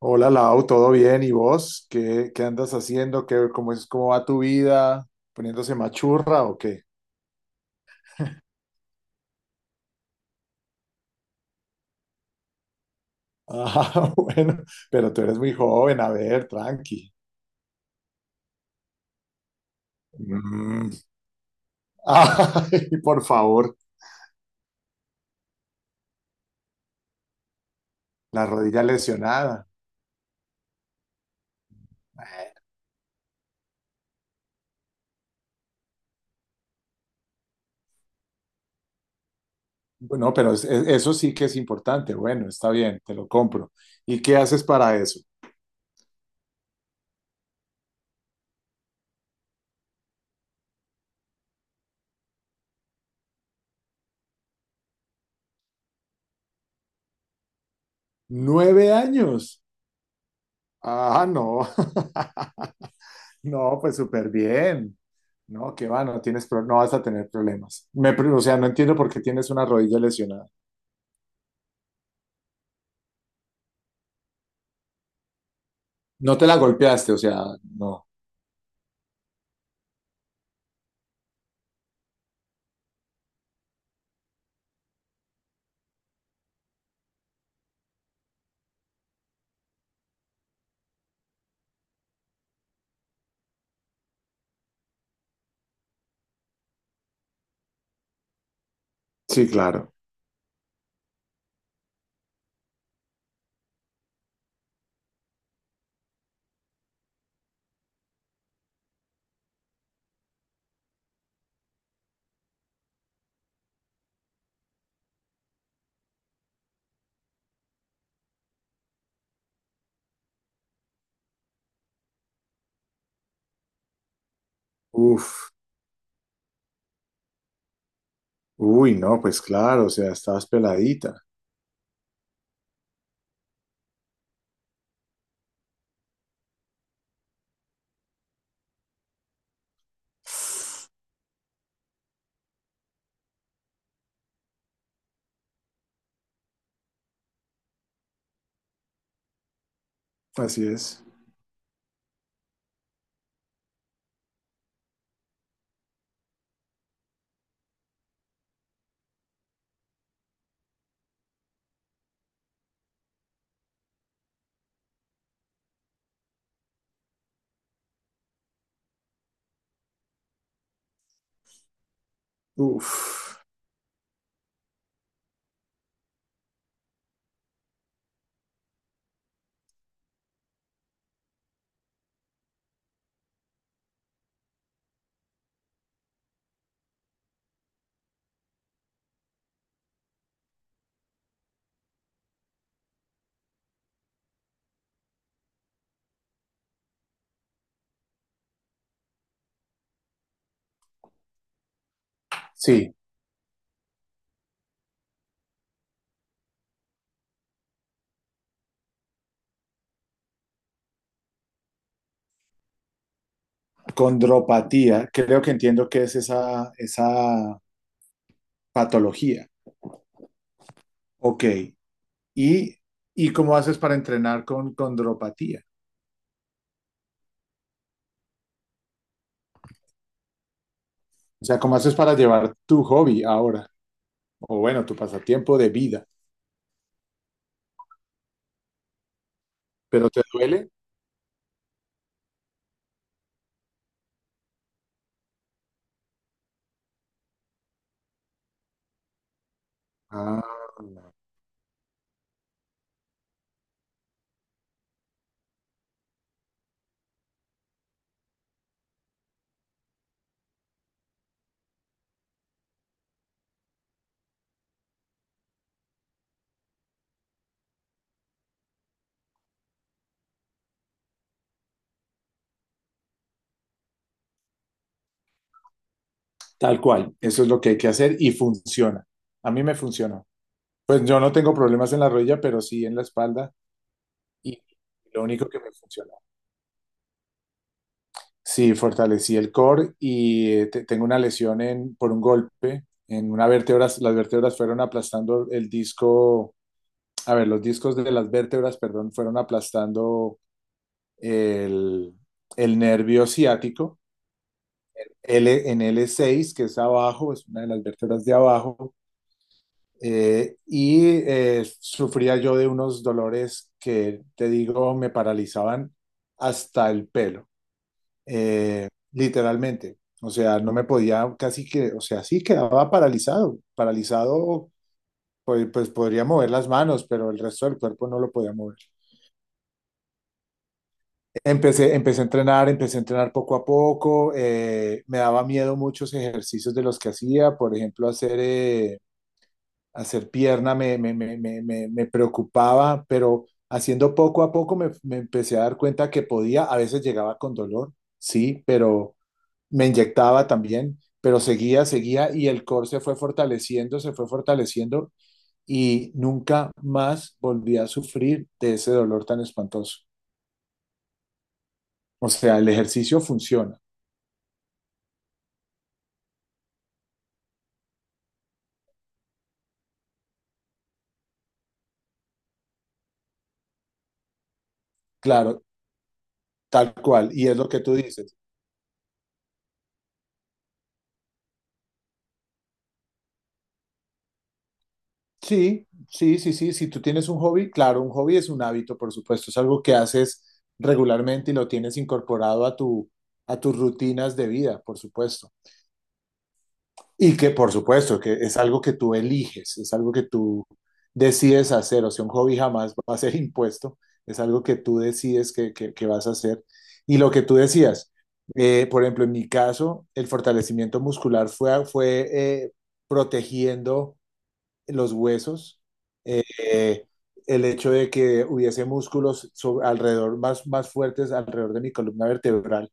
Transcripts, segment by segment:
Hola Lau, ¿todo bien? ¿Y vos? ¿Qué andas haciendo? ¿Cómo va tu vida? ¿Poniéndose machurra o qué? Ah, bueno, pero tú eres muy joven, a ver, tranqui. Mm. Ay, por favor, la rodilla lesionada. Bueno, pero eso sí que es importante. Bueno, está bien, te lo compro. ¿Y qué haces para eso? 9 años. Ah, no. No, pues súper bien. No, qué va, no tienes no vas a tener problemas. O sea, no entiendo por qué tienes una rodilla lesionada. No te la golpeaste, o sea, no. Sí, claro. Uf. Uy, no, pues claro, o sea, estabas peladita. Así es. Uf. Sí, condropatía, creo que entiendo qué es esa, patología. Ok. ¿Y, y cómo haces para entrenar con condropatía? O sea, ¿cómo haces para llevar tu hobby ahora?, o bueno, tu pasatiempo de vida, pero te duele. Ah, tal cual, eso es lo que hay que hacer y funciona. A mí me funcionó. Pues yo no tengo problemas en la rodilla, pero sí en la espalda, y lo único que me funcionó. Sí, fortalecí el core y tengo una lesión por un golpe en una vértebra. Las vértebras fueron aplastando el disco, a ver, los discos de las vértebras, perdón, fueron aplastando el, el nervio ciático L, en L6, que es abajo, es una de las vértebras de abajo. Sufría yo de unos dolores que, te digo, me paralizaban hasta el pelo, literalmente. O sea, no me podía casi que, o sea, sí quedaba paralizado, paralizado, pues podría mover las manos, pero el resto del cuerpo no lo podía mover. Empecé a entrenar poco a poco, me daba miedo muchos ejercicios de los que hacía, por ejemplo, hacer pierna me preocupaba, pero haciendo poco a poco me empecé a dar cuenta que podía, a veces llegaba con dolor, sí, pero me inyectaba también, pero seguía, seguía y el core se fue fortaleciendo y nunca más volví a sufrir de ese dolor tan espantoso. O sea, el ejercicio funciona, claro, tal cual, y es lo que tú dices. Sí, sí, sí, sí. Si tú tienes un hobby, claro, un hobby es un hábito, por supuesto, es algo que haces regularmente y lo tienes incorporado a tus rutinas de vida, por supuesto. Y que, por supuesto, que es algo que tú eliges, es algo que tú decides hacer. O sea, un hobby jamás va a ser impuesto, es algo que tú decides que vas a hacer. Y lo que tú decías, por ejemplo, en mi caso, el fortalecimiento muscular fue eh, protegiendo los huesos. eh, el hecho de que hubiese músculos alrededor, más, más fuertes alrededor de mi columna vertebral,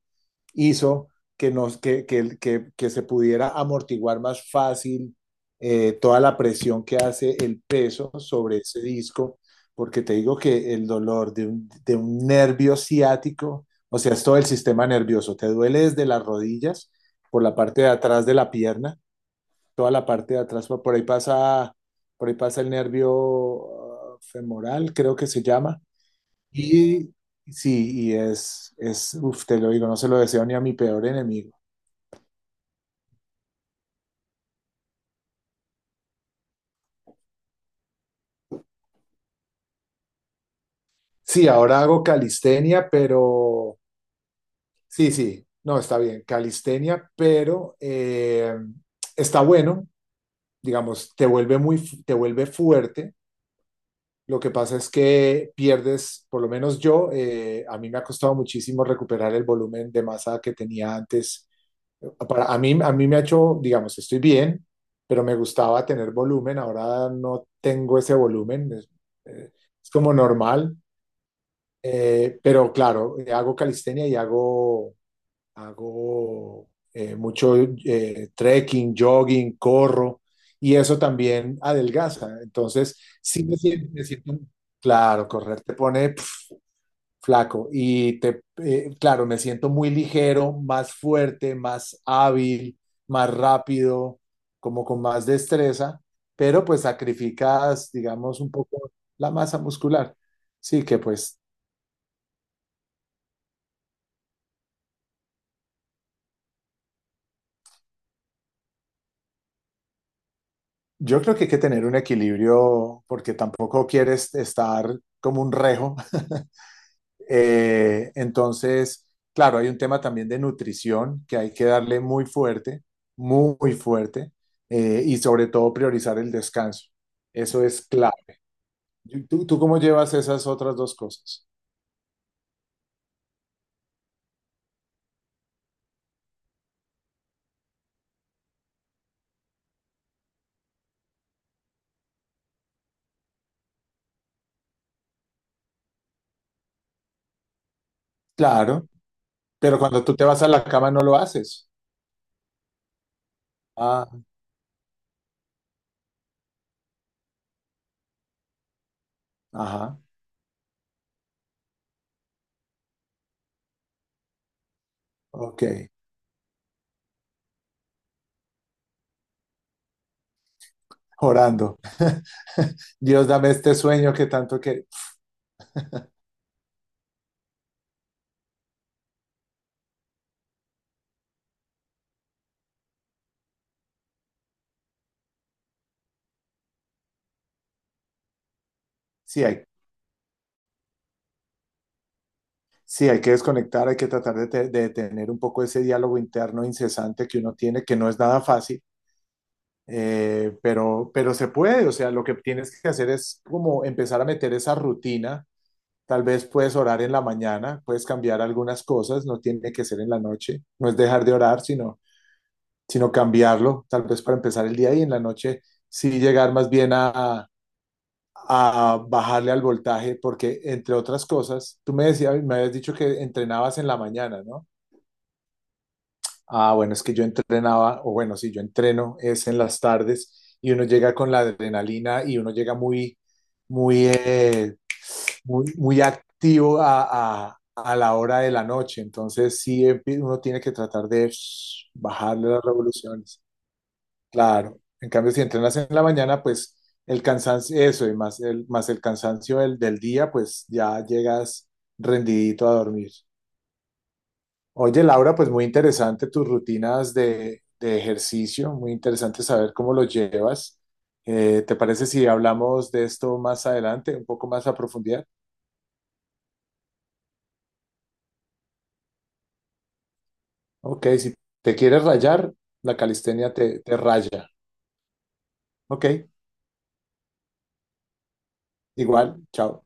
hizo que, nos, que se pudiera amortiguar más fácil toda la presión que hace el peso sobre ese disco, porque te digo que el dolor de un, nervio ciático, o sea, es todo el sistema nervioso. Te duele desde las rodillas, por la parte de atrás de la pierna, toda la parte de atrás, por ahí pasa, por ahí pasa el nervio femoral, creo que se llama. Y sí, y uf, te lo digo, no se lo deseo ni a mi peor enemigo. Sí, ahora hago calistenia, pero sí, sí, no, está bien, calistenia, pero está bueno, digamos, te vuelve te vuelve fuerte. Lo que pasa es que pierdes, por lo menos yo, a mí me ha costado muchísimo recuperar el volumen de masa que tenía antes. A mí me ha hecho, digamos, estoy bien, pero me gustaba tener volumen, ahora no tengo ese volumen, eh, es como normal. Pero claro, hago calistenia y hago mucho trekking, jogging, corro, y eso también adelgaza. Entonces sí me siento, claro, correr te pone flaco. Y claro, me siento muy ligero, más fuerte, más hábil, más rápido, como con más destreza, pero pues sacrificas, digamos, un poco la masa muscular. Sí, que pues yo creo que hay que tener un equilibrio porque tampoco quieres estar como un rejo. Entonces, claro, hay un tema también de nutrición que hay que darle muy fuerte, muy, muy fuerte, y sobre todo priorizar el descanso. Eso es claro. ¿Tú cómo llevas esas otras dos cosas? Claro, pero cuando tú te vas a la cama no lo haces. Ah, ajá, ok, orando. Dios, dame este sueño que tanto que. Sí, hay, sí, hay que desconectar, hay que tratar de, de tener un poco ese diálogo interno incesante que uno tiene, que no es nada fácil. Pero se puede, o sea, lo que tienes que hacer es como empezar a meter esa rutina. Tal vez puedes orar en la mañana, puedes cambiar algunas cosas, no tiene que ser en la noche, no es dejar de orar, sino, cambiarlo, tal vez para empezar el día, y en la noche sí llegar más bien a bajarle al voltaje, porque entre otras cosas, tú me decías, me habías dicho que entrenabas en la mañana, ¿no? Ah, bueno, es que yo entrenaba, o bueno, sí, yo entreno, es en las tardes, y uno llega con la adrenalina y uno llega muy, muy, eh, muy, muy activo a, a la hora de la noche. Entonces, sí, uno tiene que tratar de shh, bajarle las revoluciones. Claro. En cambio, si entrenas en la mañana, pues el cansancio, eso, y más el cansancio del día, pues ya llegas rendidito a dormir. Oye, Laura, pues muy interesante tus rutinas de ejercicio, muy interesante saber cómo los llevas. ¿Te parece si hablamos de esto más adelante, un poco más a profundidad? Ok, si te quieres rayar, la calistenia te raya. Ok, igual, chao.